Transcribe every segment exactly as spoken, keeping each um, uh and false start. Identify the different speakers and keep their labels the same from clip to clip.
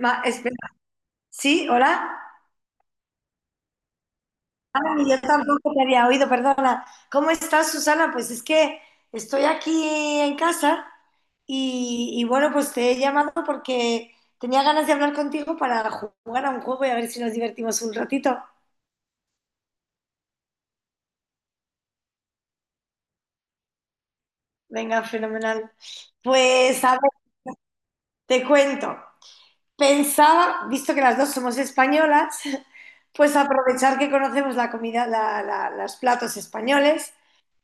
Speaker 1: Ma- espera. Sí, hola. Ah, no, yo tampoco te había oído, perdona. ¿Cómo estás, Susana? Pues es que estoy aquí en casa y, y bueno, pues te he llamado porque tenía ganas de hablar contigo para jugar a un juego y a ver si nos divertimos un ratito. Venga, fenomenal. Pues a ver, te cuento. Pensaba, visto que las dos somos españolas, pues aprovechar que conocemos la comida, la- la- los platos españoles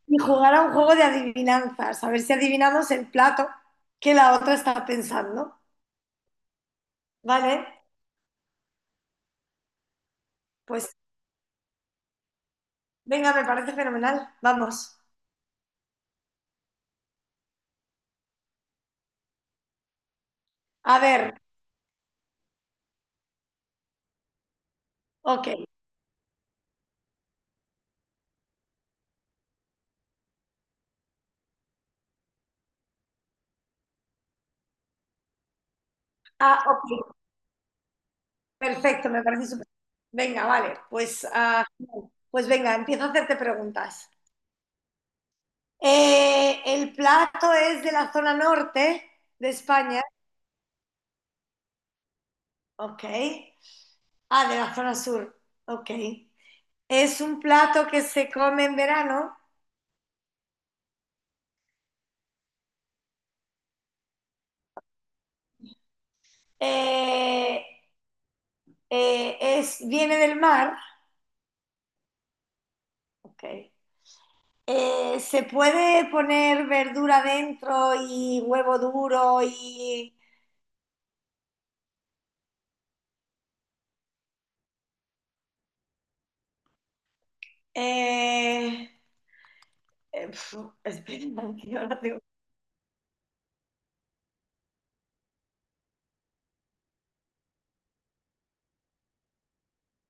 Speaker 1: y jugar a un juego de adivinanzas, a ver si adivinamos el plato que la otra está pensando. Vale, pues venga, me parece fenomenal. Vamos. A ver, ok. Ah, ok. Perfecto, me parece súper. Venga, vale. Pues, ah, pues venga, empiezo a hacerte preguntas. Eh, el plato es de la zona norte de España. Ok. Ah, de la zona sur. Ok. Es un plato que se come en verano. Eh, eh, es, viene del mar, okay. Eh, se puede poner verdura dentro y huevo duro y… eh, eh, pf, espera, que ahora tengo-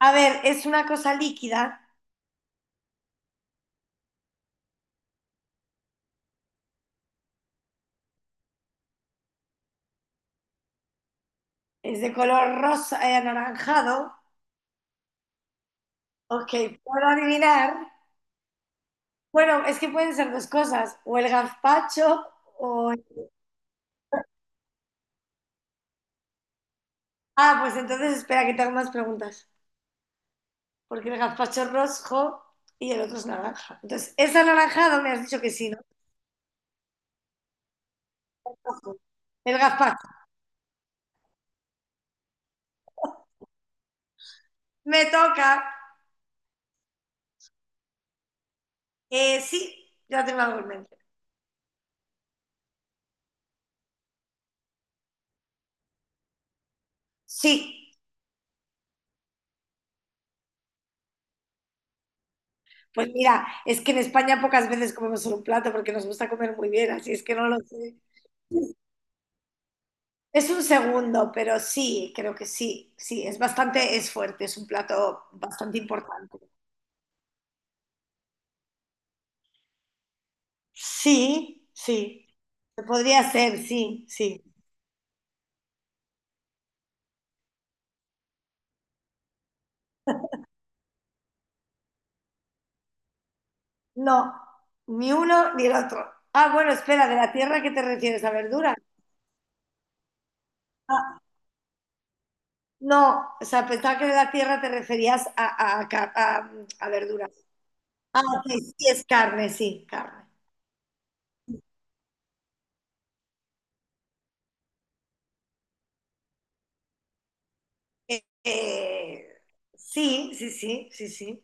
Speaker 1: a ver, es una cosa líquida, es de color rosa, eh, anaranjado. Ok, puedo adivinar. Bueno, es que pueden ser dos cosas, o el gazpacho o… Ah, pues entonces espera que te hago más preguntas, porque el gazpacho es rojo y el otro es naranja. Entonces, es anaranjado, me has dicho que sí, ¿no? Ojo. El gazpacho. Me toca. Eh, sí, ya tengo algo en mente. Sí. Pues mira, es que en España pocas veces comemos solo un plato porque nos gusta comer muy bien, así es que no lo sé. Es un segundo, pero sí, creo que sí. Sí, es bastante, es fuerte, es un plato bastante importante. Sí, sí. Podría ser, sí, sí. No, ni uno ni el otro. Ah, bueno, espera, ¿de la tierra a qué te refieres? ¿A verduras? Ah, no, o sea, pensaba que de la tierra te referías a, a ca- a- a verduras. Ah, ok, sí, es carne, sí, carne. Eh, eh, sí, sí, sí, sí, sí.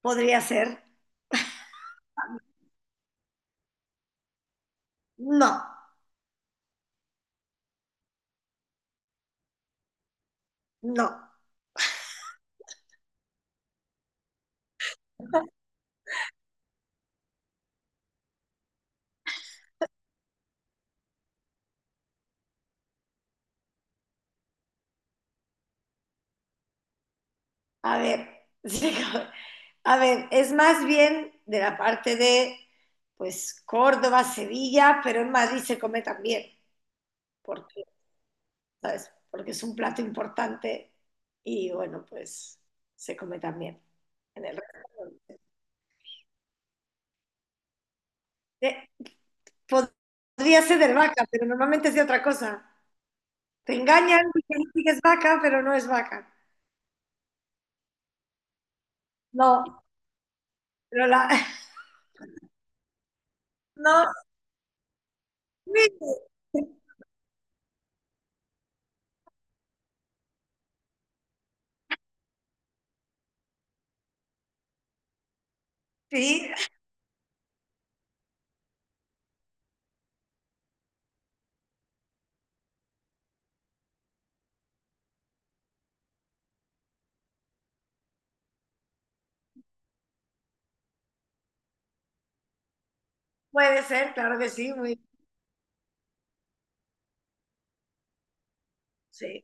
Speaker 1: Podría ser. No, no. A ver, sí, a ver, es más bien de la parte de, pues, Córdoba, Sevilla, pero en Madrid se come también, porque ¿sabes? Porque es un plato importante y bueno, pues se come también en el restaurante. Eh, Podría ser de vaca, pero normalmente es de otra cosa. Te engañan, dicen que es vaca, pero no es vaca. No, pero la… No, sí, sí, puede ser, claro que sí, muy, sí.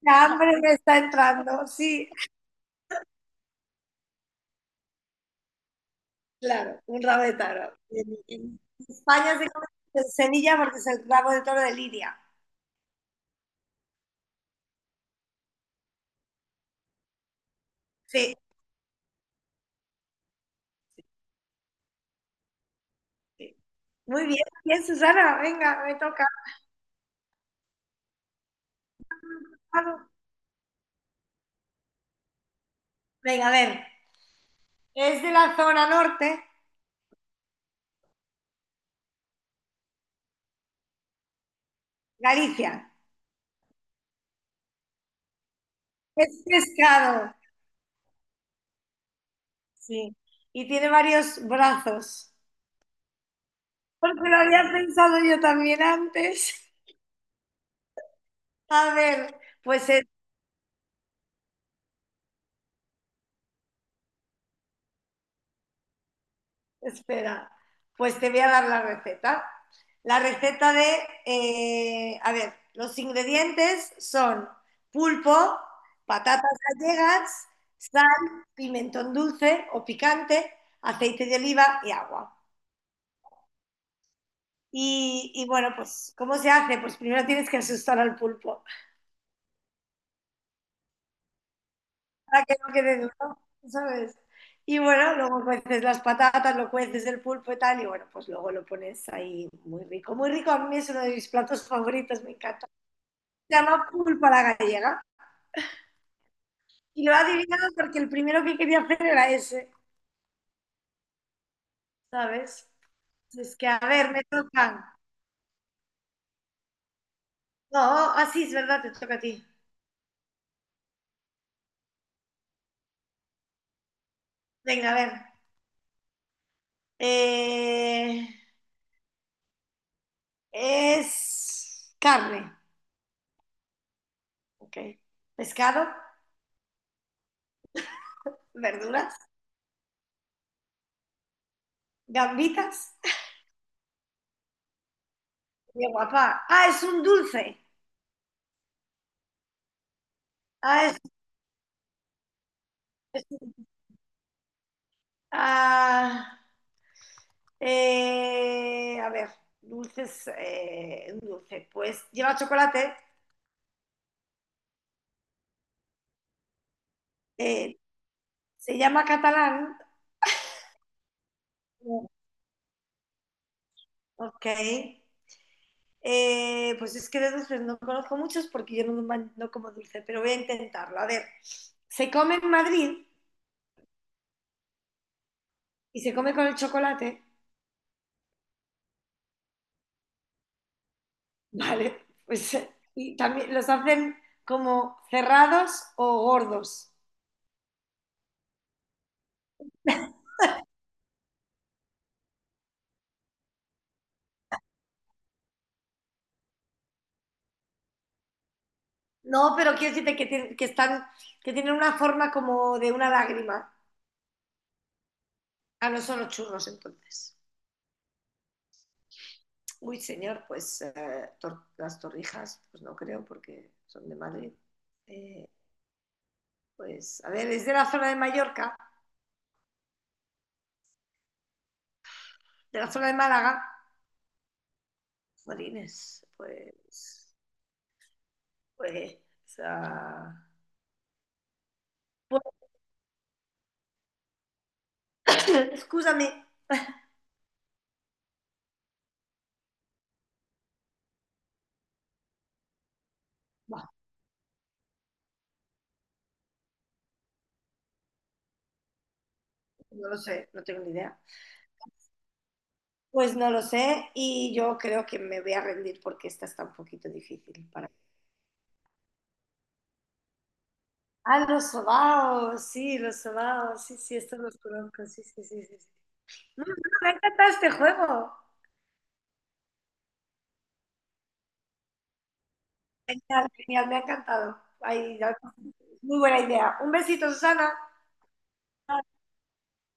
Speaker 1: La hambre me está entrando, sí. Claro, un rabo de toro. En, en España se come con semilla porque es el rabo de toro de Lidia. Sí, sí. Muy bien, bien, Susana. Venga, me toca. Venga, a ver. Es de la zona norte, Galicia. Es pescado, sí. Y tiene varios brazos. Porque lo había pensado yo también antes. A ver, pues es… Espera, pues te voy a dar la receta. La receta de, eh, a ver, los ingredientes son pulpo, patatas gallegas, sal, pimentón dulce o picante, aceite de oliva y agua. Y, y bueno, pues, ¿cómo se hace? Pues primero tienes que asustar al pulpo, para que no quede duro, ¿sabes? Y bueno, luego cueces las patatas, lo cueces el pulpo y tal, y bueno, pues luego lo pones ahí muy rico. Muy rico, a mí es uno de mis platos favoritos, me encanta. Se llama pulpa la gallega. Y lo he adivinado porque el primero que quería hacer era ese, ¿sabes? Es que, a ver, me tocan. No, así es verdad, te toca a ti. Venga, a ver. Eh, es carne, ok. Pescado, verduras, gambitas… Qué guapa. Ah, es un dulce. Ah, es- ah, eh, a ver, dulces, eh, un dulce. Pues lleva chocolate. eh, se llama catalán. Ok. Eh, pues es que de dulces no conozco muchos porque yo no, man- no como dulce, pero voy a intentarlo. A ver, se come en Madrid y se come con el chocolate, ¿vale? Pues, eh, y también los hacen como cerrados o gordos. No, pero quiero decirte que, tienen- que están, que tienen una forma como de una lágrima. Ah, no son los churros entonces. Uy, señor, pues eh, tor- las torrijas, pues no creo porque son de Madrid. Eh, pues, a ver, es de la zona de Mallorca, de la zona de Málaga. Jolines, pues, pues, ah, pues, excúsame. Buah, no lo sé, no tengo ni idea. Pues no lo sé y yo creo que me voy a rendir porque esta está un poquito difícil para… Ah, los sobaos, sí, los sobaos, sí, sí, estos los conozco, sí, sí, sí, sí, sí. No, no, me ha encantado este juego. Genial, genial, me ha encantado. Ay, ya… muy buena idea. Un besito, Susana.